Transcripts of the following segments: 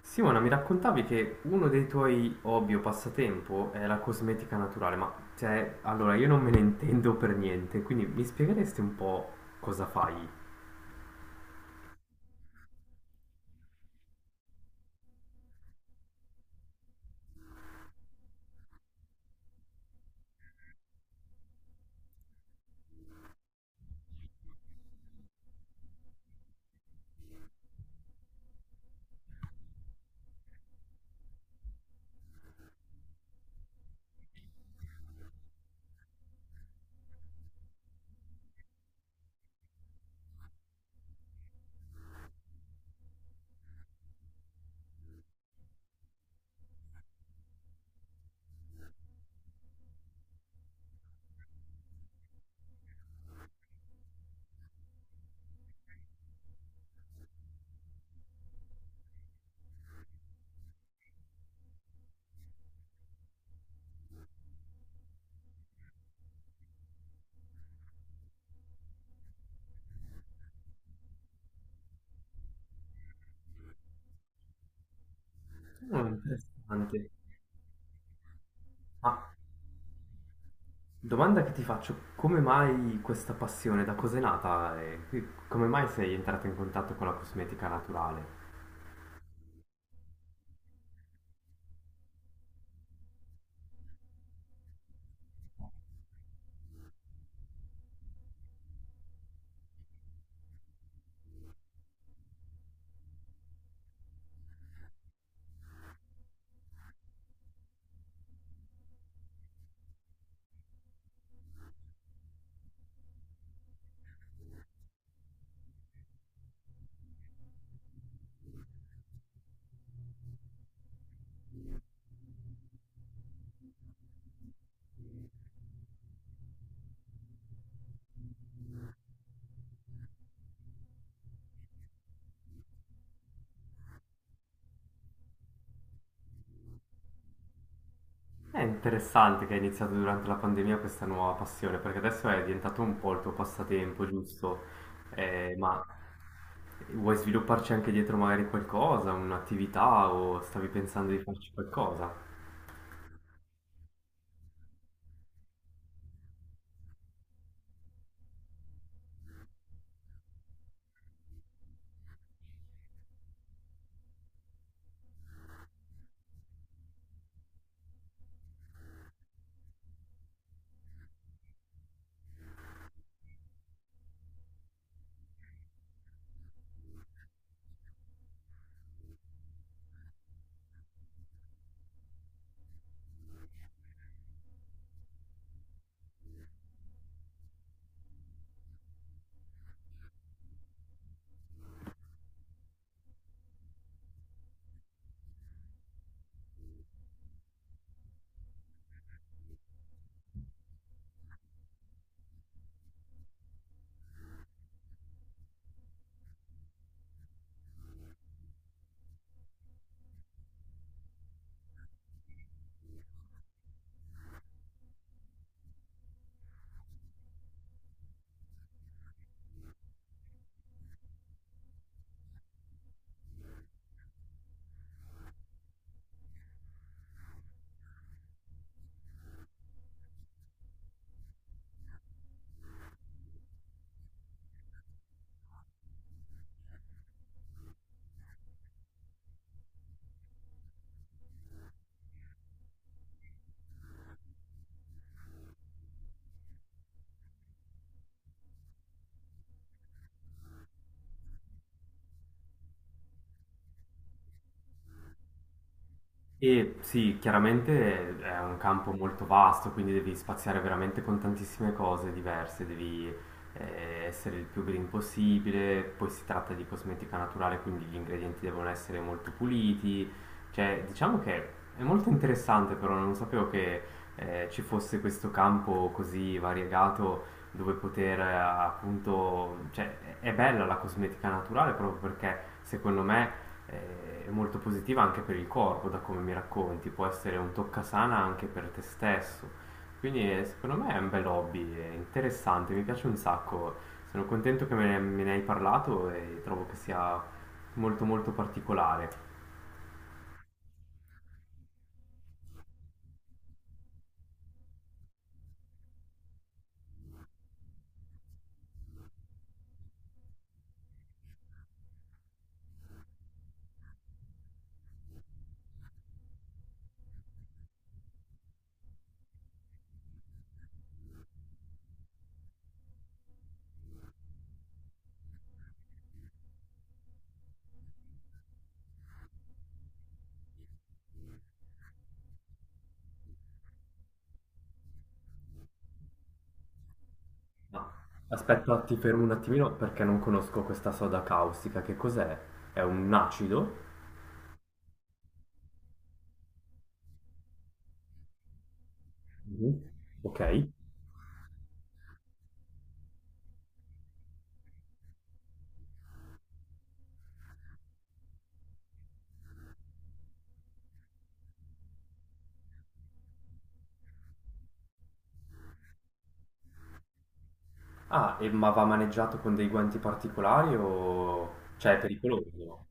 Simona, mi raccontavi che uno dei tuoi hobby o passatempo è la cosmetica naturale, ma cioè, allora io non me ne intendo per niente, quindi mi spiegheresti un po' cosa fai? Oh, interessante. Ma domanda che ti faccio, come mai questa passione, da cos'è nata e come mai sei entrato in contatto con la cosmetica naturale? È interessante che hai iniziato durante la pandemia questa nuova passione, perché adesso è diventato un po' il tuo passatempo, giusto? Ma vuoi svilupparci anche dietro magari qualcosa, un'attività o stavi pensando di farci qualcosa? E sì, chiaramente è un campo molto vasto, quindi devi spaziare veramente con tantissime cose diverse, devi essere il più green possibile, poi si tratta di cosmetica naturale, quindi gli ingredienti devono essere molto puliti, cioè diciamo che è molto interessante, però non sapevo che ci fosse questo campo così variegato dove poter appunto, cioè è bella la cosmetica naturale proprio perché secondo me è molto positiva anche per il corpo, da come mi racconti, può essere un toccasana anche per te stesso. Quindi secondo me è un bel hobby, è interessante, mi piace un sacco. Sono contento che me ne hai parlato e trovo che sia molto molto particolare. Ma aspetta, ti fermo un attimino perché non conosco questa soda caustica. Che cos'è? È un acido? Mhm. Ok. Ah, ma va maneggiato con dei guanti particolari o, cioè è pericoloso?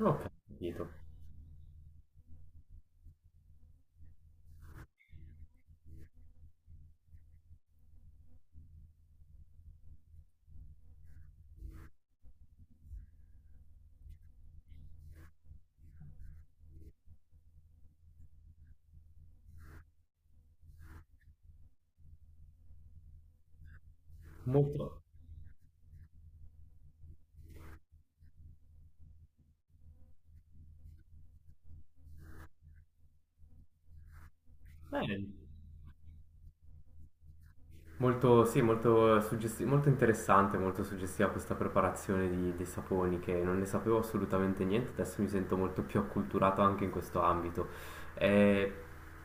Ok, capito. Molto, eh, molto, sì, molto, molto interessante, molto suggestiva questa preparazione di, dei saponi che non ne sapevo assolutamente niente, adesso mi sento molto più acculturato anche in questo ambito. Eh,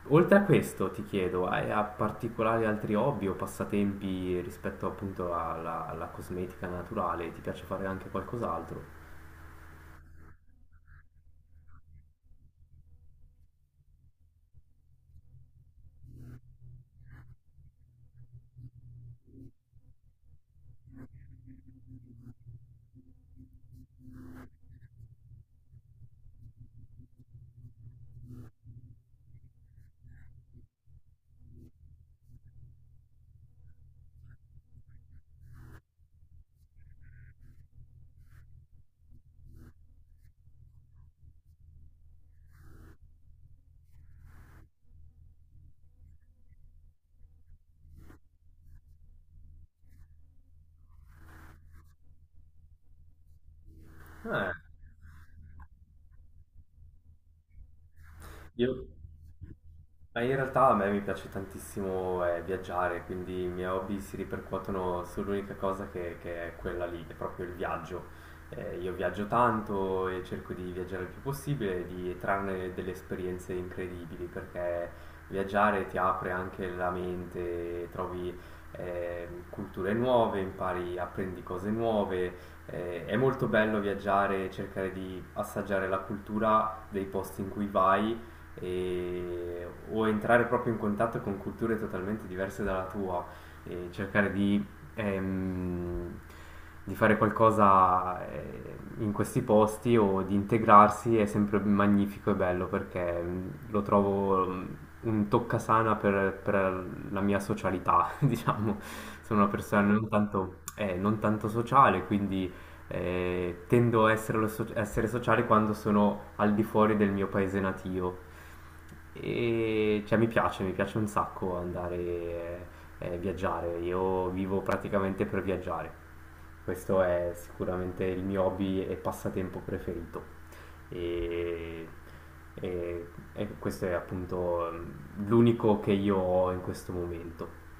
Oltre a questo ti chiedo, hai a particolari altri hobby o passatempi rispetto appunto alla, alla cosmetica naturale? Ti piace fare anche qualcos'altro? Eh, io... Ma in realtà a me mi piace tantissimo viaggiare, quindi i miei hobby si ripercuotono sull'unica cosa che è quella lì, che è proprio il viaggio. Io viaggio tanto e cerco di viaggiare il più possibile e di trarne delle esperienze incredibili, perché viaggiare ti apre anche la mente, trovi culture nuove, impari, apprendi cose nuove. È molto bello viaggiare e cercare di assaggiare la cultura dei posti in cui vai o entrare proprio in contatto con culture totalmente diverse dalla tua e cercare ehm, di fare qualcosa in questi posti o di integrarsi è sempre magnifico e bello perché lo trovo un toccasana per la mia socialità, diciamo. Sono una persona non tanto, non tanto sociale, quindi tendo a essere, essere sociale quando sono al di fuori del mio paese natio. E cioè, mi piace un sacco andare viaggiare. Io vivo praticamente per viaggiare. Questo è sicuramente il mio hobby e passatempo preferito. E, e- e questo è appunto l'unico che io ho in questo momento.